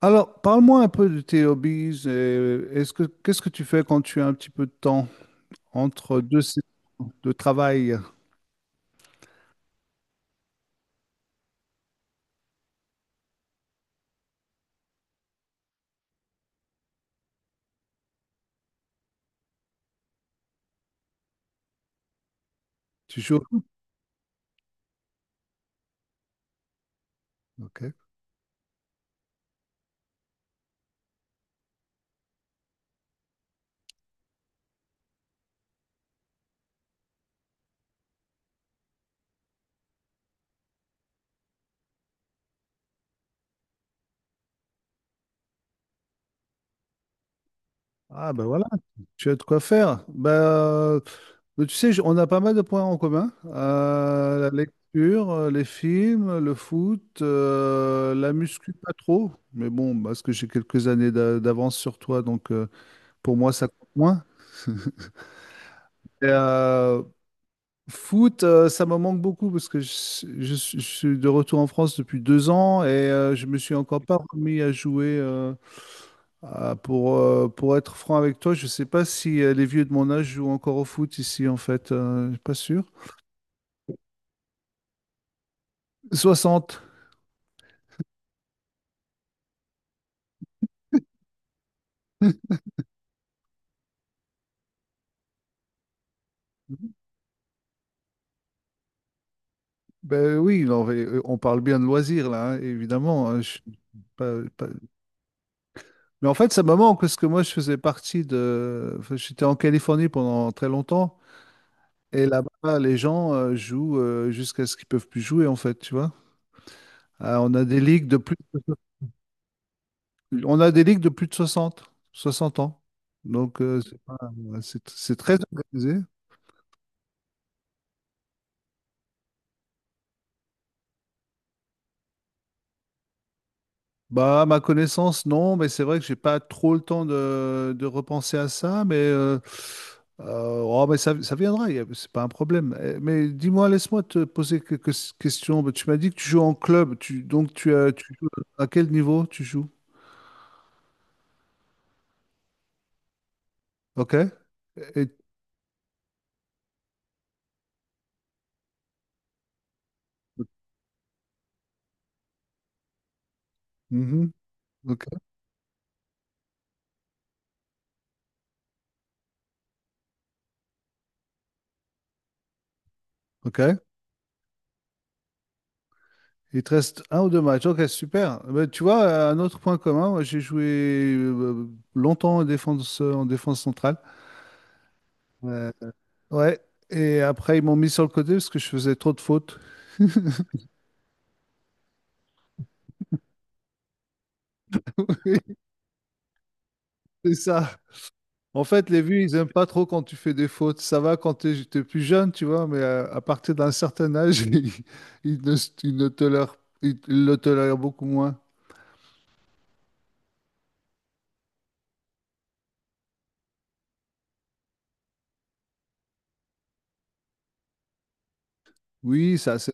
Alors, parle-moi un peu de tes hobbies. Et Est-ce que qu'est-ce que tu fais quand tu as un petit peu de temps entre deux saisons de travail? Tu joues? Ok. Ah ben voilà, tu as de quoi faire. Mais tu sais, on a pas mal de points en commun. La lecture, les films, le foot, la muscu, pas trop. Mais bon, parce que j'ai quelques années d'avance sur toi, donc pour moi, ça compte moins. Et, foot, ça me manque beaucoup parce que je suis de retour en France depuis 2 ans et je me suis encore pas remis à jouer. Pour être franc avec toi, je sais pas si les vieux de mon âge jouent encore au foot ici en fait. Je suis pas sûr. 60. Ben oui, non, mais, on parle bien de loisirs là, hein, évidemment. Hein, je suis pas- pas-. Mais en fait, ça me manque parce que moi, je faisais partie de, enfin, j'étais en Californie pendant très longtemps et là-bas, les gens jouent jusqu'à ce qu'ils peuvent plus jouer en fait, tu vois. Euh, on a des ligues de plus de, on a des ligues de plus de 60, 60 ans. Donc, c'est très organisé. Bah, à ma connaissance, non, mais c'est vrai que j'ai pas trop le temps de repenser à ça, mais, oh, mais ça viendra, c'est pas un problème. Eh, mais dis-moi, laisse-moi te poser quelques questions. Bah, tu m'as dit que tu joues en club, donc tu joues à quel niveau tu joues? Ok? Et- mhm. Ok. Ok. Il te reste un ou deux matchs. Ok, super. Bah, tu vois, un autre point commun, moi, j'ai joué euh, longtemps en défense centrale. Ouais. Ouais. Et après, ils m'ont mis sur le côté parce que je faisais trop de fautes. C'est ça. En fait, les vieux, ils aiment pas trop quand tu fais des fautes. Ça va quand t'es plus jeune, tu vois, mais partir d'un certain âge, ils, ils ne, ils ne tolèrent, ils le tolèrent beaucoup moins. Oui, ça, c'est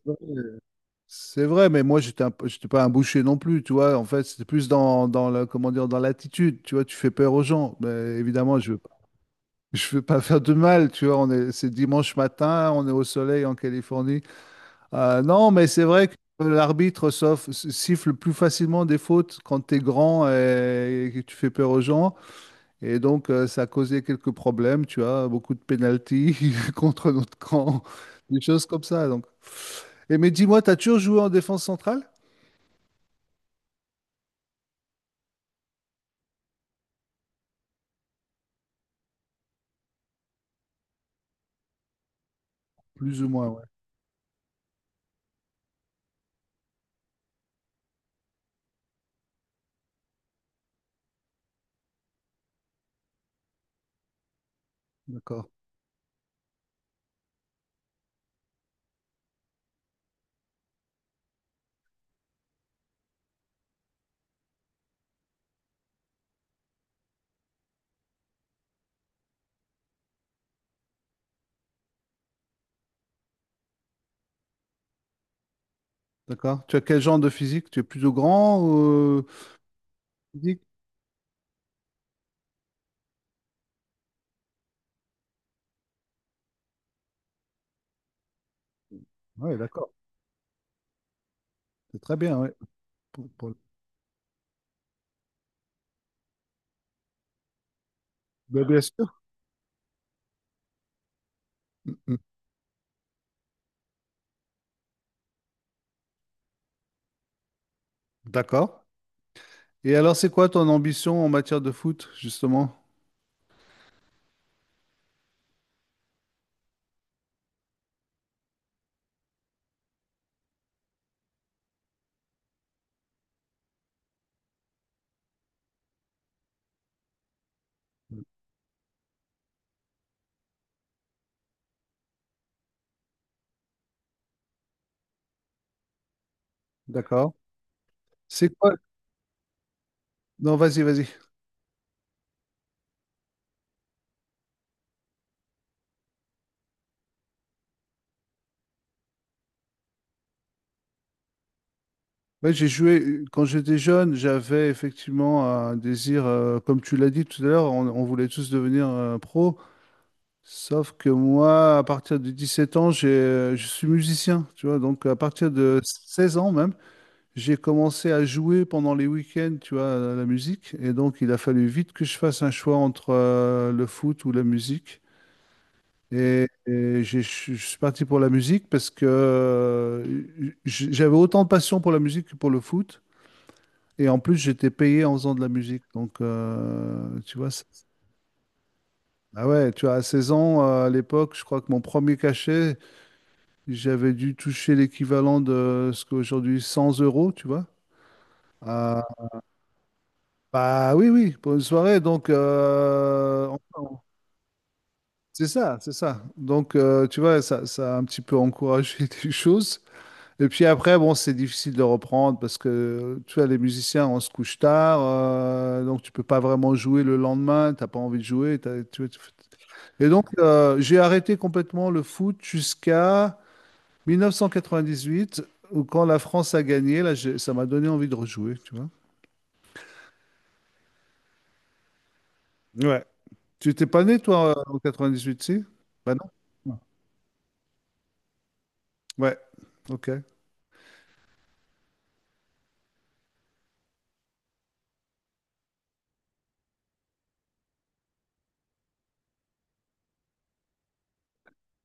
C'est vrai, mais moi, j'étais pas un boucher non plus, tu vois. En fait, c'était plus comment dire, dans l'attitude, tu vois. Tu fais peur aux gens. Mais évidemment, je veux, pas- je veux pas faire de mal, tu vois. C'est dimanche matin, on est au soleil en Californie. Non, mais c'est vrai que l'arbitre siffle plus facilement des fautes quand tu es grand et que tu fais peur aux gens. Et donc, ça a causé quelques problèmes, tu vois. Beaucoup de pénalties contre notre camp, des choses comme ça. Donc. Et mais dis-moi, t'as toujours joué en défense centrale? Plus ou moins, ouais. D'accord, d'accord. Tu as quel genre de physique? Tu es plutôt grand ou physique? Oui, d'accord. C'est très bien, oui. Pour, pour- Ben, bien sûr. Mm, mm. D'accord. Et alors, c'est quoi ton ambition en matière de foot, justement? D'accord. C'est quoi? Non, vas-y, vas-y. Ouais, quand j'étais jeune, j'avais effectivement un désir, comme tu l'as dit tout à l'heure, on voulait tous devenir pro. Sauf que moi, à partir de 17 ans, je suis musicien, tu vois. Donc, à partir de 16 ans même, j'ai commencé à jouer pendant les week-ends, tu vois, à la musique. Et donc, il a fallu vite que je fasse un choix entre le foot ou la musique. Et je suis parti pour la musique parce que j'avais autant de passion pour la musique que pour le foot. Et en plus, j'étais payé en faisant de la musique. Donc, tu vois, ah ouais, tu vois, à 16 ans, à l'époque, je crois que mon premier cachet, j'avais dû toucher l'équivalent de ce qu'aujourd'hui 100 euros, tu vois. Bah oui, oui, pour une soirée, donc on- c'est ça, c'est ça. Donc tu vois, ça a un petit peu encouragé les choses. Et puis après, bon, c'est difficile de reprendre parce que tu vois, les musiciens, on se couche tard, donc tu peux pas vraiment jouer le lendemain, t'as pas envie de jouer. Et donc j'ai arrêté complètement le foot jusqu'à 1998, où quand la France a gagné, là, ça m'a donné envie de rejouer, tu vois. Ouais. Tu t'es pas né, toi, en 98, si? Bah non. Non. Ouais, ok.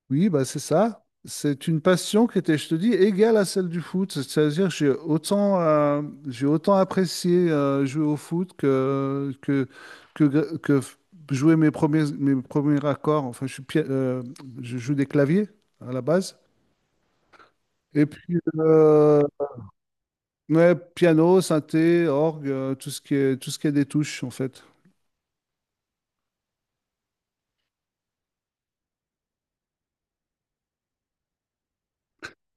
Oui, bah c'est ça. C'est une passion qui était, je te dis, égale à celle du foot. C'est-à-dire, que j'ai autant apprécié jouer au foot que, que f- jouer mes premiers accords. Enfin, je joue des claviers à la base. Et puis, ouais, piano, synthé, orgue, tout ce qui est des touches, en fait.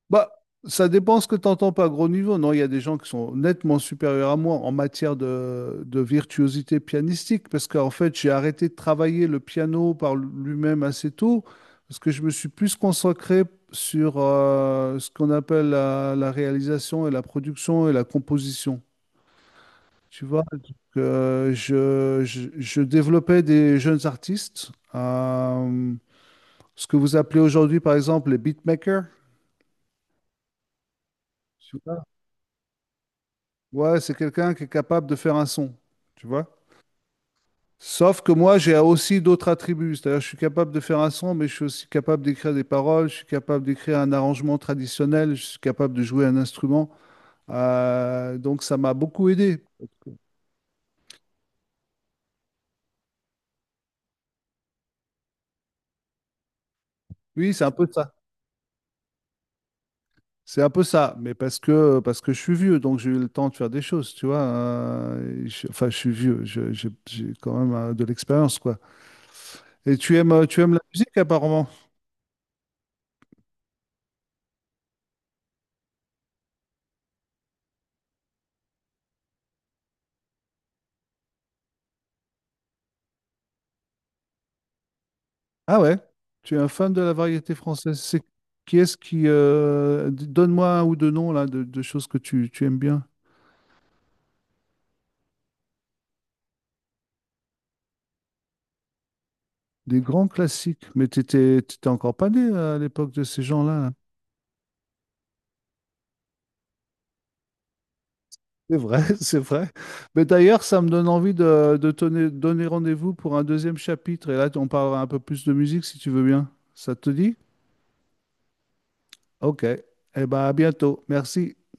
Bah, ça dépend ce que tu entends par gros niveau. Non, il y a des gens qui sont nettement supérieurs à moi en matière de virtuosité pianistique, parce qu'en fait, j'ai arrêté de travailler le piano par lui-même assez tôt, parce que je me suis plus consacré sur ce qu'on appelle la réalisation et la production et la composition. Tu vois, donc, je développais des jeunes artistes, ce que vous appelez aujourd'hui, par exemple, les beatmakers. Ouais, c'est quelqu'un qui est capable de faire un son, tu vois. Sauf que moi, j'ai aussi d'autres attributs. C'est-à-dire, je suis capable de faire un son, mais je suis aussi capable d'écrire des paroles, je suis capable d'écrire un arrangement traditionnel, je suis capable de jouer un instrument. Donc, ça m'a beaucoup aidé. Oui, c'est un peu ça. C'est un peu ça, mais parce que je suis vieux, donc j'ai eu le temps de faire des choses, tu vois. Enfin, je suis vieux, j'ai quand même de l'expérience, quoi. Et tu aimes la musique apparemment. Ah ouais, tu es un fan de la variété française. C'est qui est-ce qui d- Donne-moi un ou deux noms là de choses que tu aimes bien. Des grands classiques. Mais t'étais encore pas né à l'époque de ces gens-là. C'est vrai, c'est vrai. Mais d'ailleurs, ça me donne envie de donner rendez-vous pour un deuxième chapitre. Et là, on parlera un peu plus de musique si tu veux bien. Ça te dit? Ok. Eh bien, à bientôt. Merci.